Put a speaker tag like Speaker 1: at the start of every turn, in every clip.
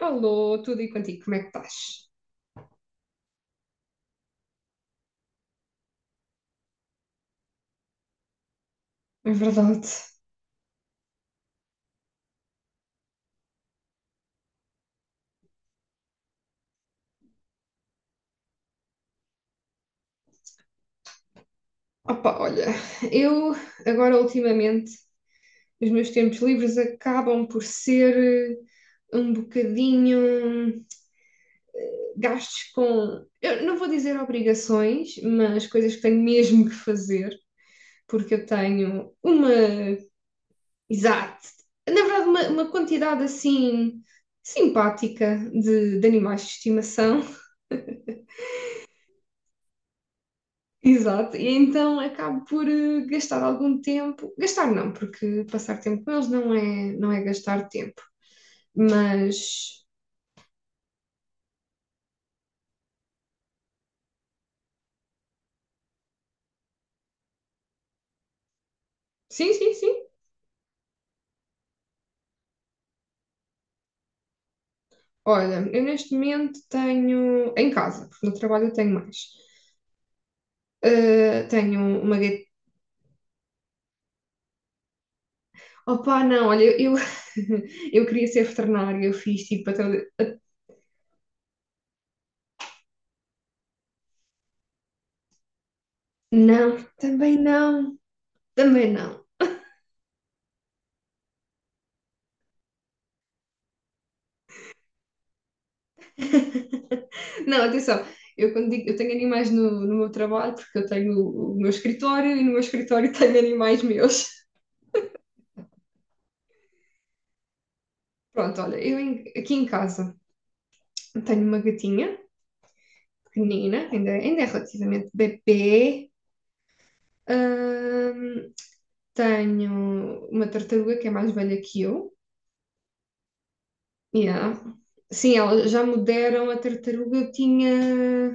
Speaker 1: Alô, tudo e contigo, como é que estás? É verdade. Opa, olha, eu agora ultimamente os meus tempos livres acabam por ser eh, um bocadinho gastos com, eu não vou dizer obrigações, mas coisas que tenho mesmo que fazer, porque eu tenho uma, exato, na verdade uma quantidade assim simpática de animais de estimação. Exato, e então acabo por gastar algum tempo, gastar não, porque passar tempo com eles não é, gastar tempo, mas sim, sim, sim. Olha, eu neste momento tenho, em casa, porque no trabalho eu tenho mais. Tenho uma gatinha. Opá, não, olha, eu, eu queria ser veterinária, eu fiz tipo até, não, também não, também não. Não, atenção, eu quando digo, eu tenho animais no meu trabalho, porque eu tenho o meu escritório e no meu escritório tenho animais meus. Pronto, olha, eu aqui em casa tenho uma gatinha pequenina, ainda é relativamente bebê. Ahm, Tenho uma tartaruga que é mais velha que eu. Yeah. Sim, elas já me deram a tartaruga, eu tinha,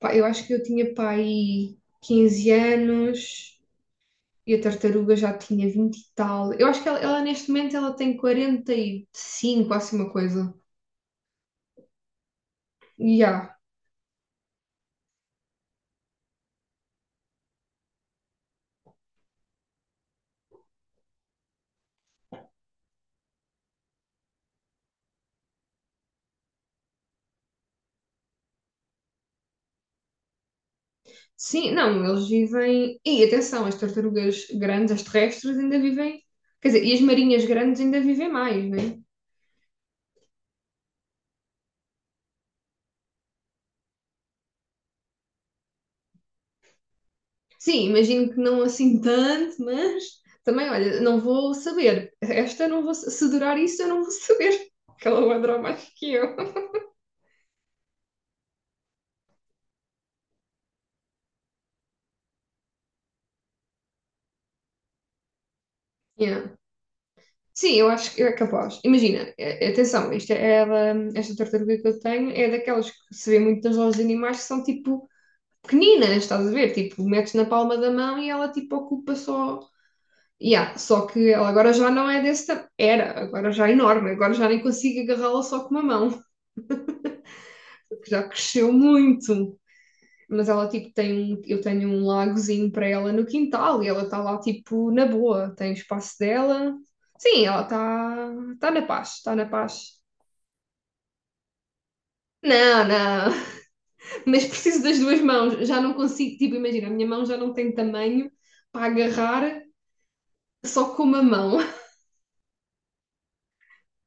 Speaker 1: pá, eu acho que eu tinha pai 15 anos. E a tartaruga já tinha 20 e tal. Eu acho que ela neste momento ela tem 45, assim uma coisa. Yeah. Sim, não, eles vivem. E atenção, as tartarugas grandes, as terrestres, ainda vivem. Quer dizer, e as marinhas grandes ainda vivem mais, não é? Sim, imagino que não assim tanto, mas também, olha, não vou saber. Esta não vou. Se durar isso, eu não vou saber, porque ela vai durar mais que eu. Yeah. Sim, eu acho que é capaz. Imagina, atenção, isto esta tartaruga que eu tenho é daquelas que se vê muito nas lojas de animais que são tipo pequeninas, estás a ver? Tipo, metes na palma da mão e ela tipo ocupa só. Yeah, só que ela agora já não é desse tamanho. Era, agora já é enorme, agora já nem consigo agarrá-la só com uma mão, porque já cresceu muito. Mas ela tipo eu tenho um lagozinho para ela no quintal e ela está lá tipo na boa, tem o espaço dela. Sim, ela está tá na paz, está na paz. Não, não, mas preciso das duas mãos. Já não consigo, tipo, imagina, a minha mão já não tem tamanho para agarrar só com uma mão.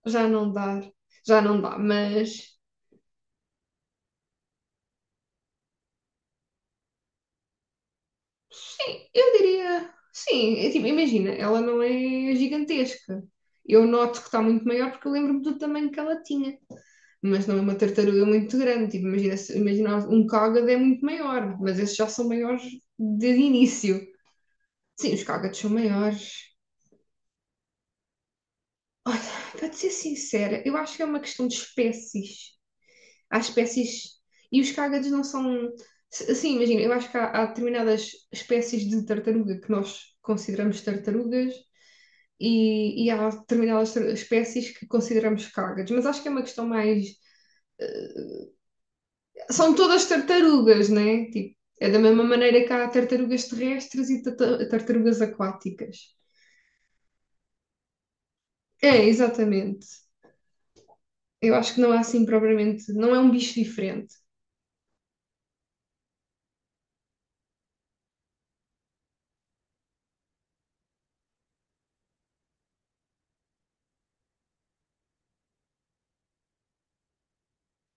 Speaker 1: Já não dá, já não dá, mas sim, eu diria, sim, é tipo, imagina, ela não é gigantesca. Eu noto que está muito maior porque eu lembro-me do tamanho que ela tinha, mas não é uma tartaruga muito grande. Tipo, imagina, imagina, um cágado é muito maior, mas esses já são maiores desde o início. Sim, os cágados são maiores. Olha, para te ser sincera, eu acho que é uma questão de espécies. Há espécies. E os cágados não são. Sim, imagina, eu acho que há, determinadas espécies de tartaruga que nós consideramos tartarugas e há determinadas espécies que consideramos cágados. Mas acho que é uma questão mais. eh, São todas tartarugas, né? Tipo, é da mesma maneira que há tartarugas terrestres e tartarugas aquáticas. É, exatamente. Eu acho que não é assim propriamente. Não é um bicho diferente.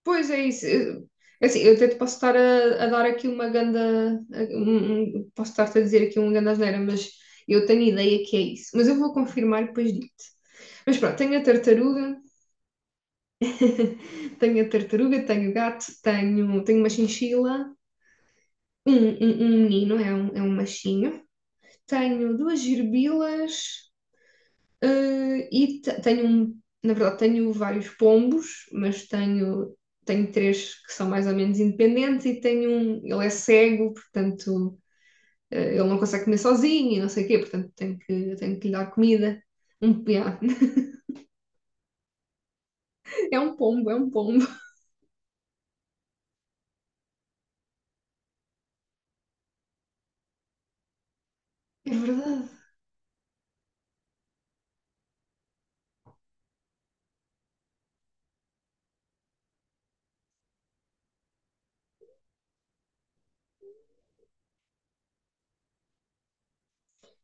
Speaker 1: Pois é isso. Assim, eu até te posso estar a dar aqui uma ganda, posso estar-te a dizer aqui uma ganda asneira, mas eu tenho ideia que é isso. Mas eu vou confirmar e depois digo-te. Mas pronto, tenho a tartaruga, tenho a tartaruga, tenho o gato, tenho uma chinchila, um menino, é um machinho, tenho duas gerbilas. E tenho, na verdade, tenho vários pombos, mas tenho, três que são mais ou menos independentes e tenho um, ele é cego, portanto, ele não consegue comer sozinho e não sei o quê, portanto, tenho que, lhe dar comida. Yeah. É um pombo, é um pombo. É verdade.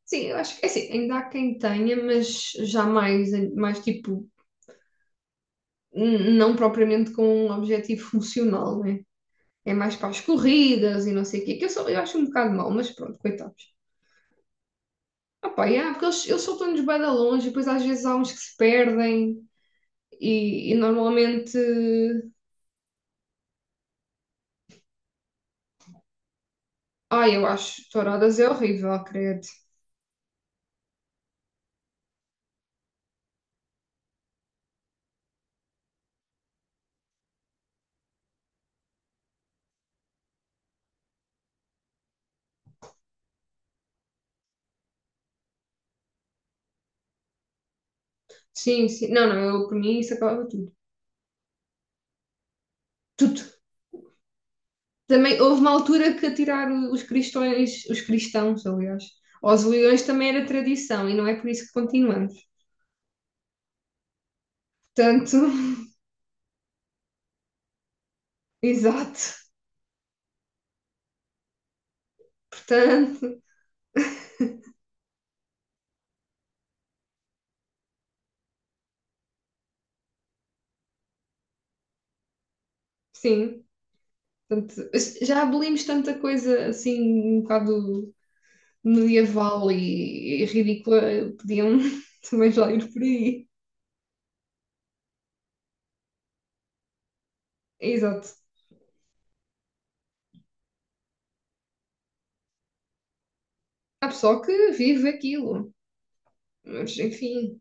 Speaker 1: Sim, eu acho que é assim, ainda há quem tenha, mas já mais tipo, não propriamente com um objetivo funcional, né? É mais para as corridas e não sei o quê, que eu acho um bocado mau, mas pronto, coitados. Ah, pá, yeah, porque eles, soltam-nos bem da longe, e depois às vezes há uns que se perdem e normalmente. Ai, eu acho touradas é horrível, credo. Sim, sim. Não, não, eu por mim isso acabava tudo. Tudo. Também houve uma altura que atirar os cristões, os cristãos, aliás, aos leões também era tradição e não é por isso que continuamos. Portanto, exato. Portanto, sim. Portanto, já abolimos tanta coisa assim, um bocado medieval e, ridícula, podiam também já ir por aí. Exato. Há pessoal que vive aquilo, mas enfim,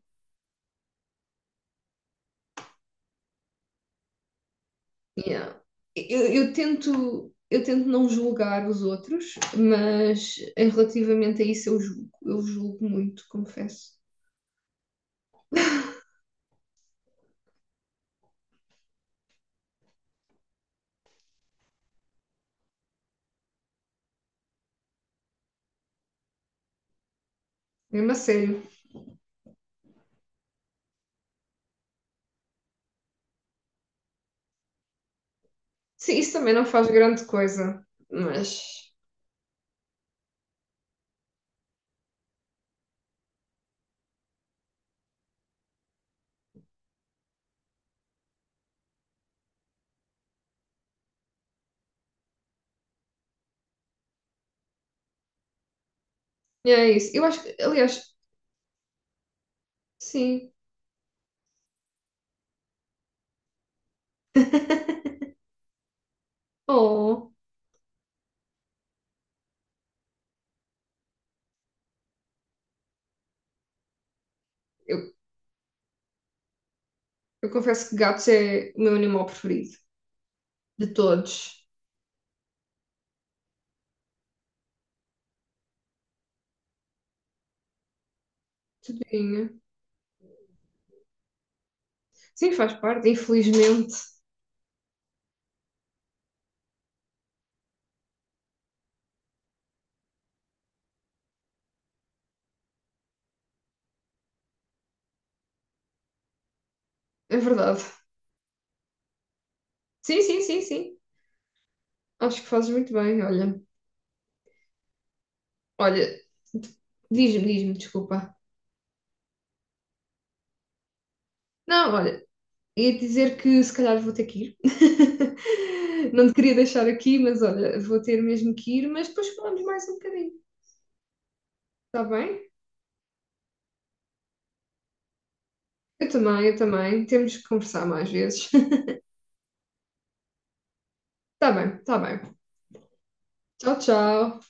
Speaker 1: yeah. Eu tento, eu tento, não julgar os outros, mas em relativamente a isso eu julgo muito, confesso. Mesmo a sério. Sim, isso também não faz grande coisa, mas yeah, é isso. Eu acho que, aliás, sim. Oh, eu, eu confesso que gatos é o meu animal preferido de todos. Tadinha. Sim, faz parte, infelizmente. É verdade. Sim, sim, sim, sim. Acho que fazes muito bem, olha. Olha, diz-me, diz-me, desculpa. Não, olha, ia dizer que se calhar vou ter que ir. Não te queria deixar aqui, mas olha, vou ter mesmo que ir, mas depois falamos mais um bocadinho, está bem? Eu também, eu também. Temos que conversar mais vezes. Está bem, está bem. Tchau, tchau.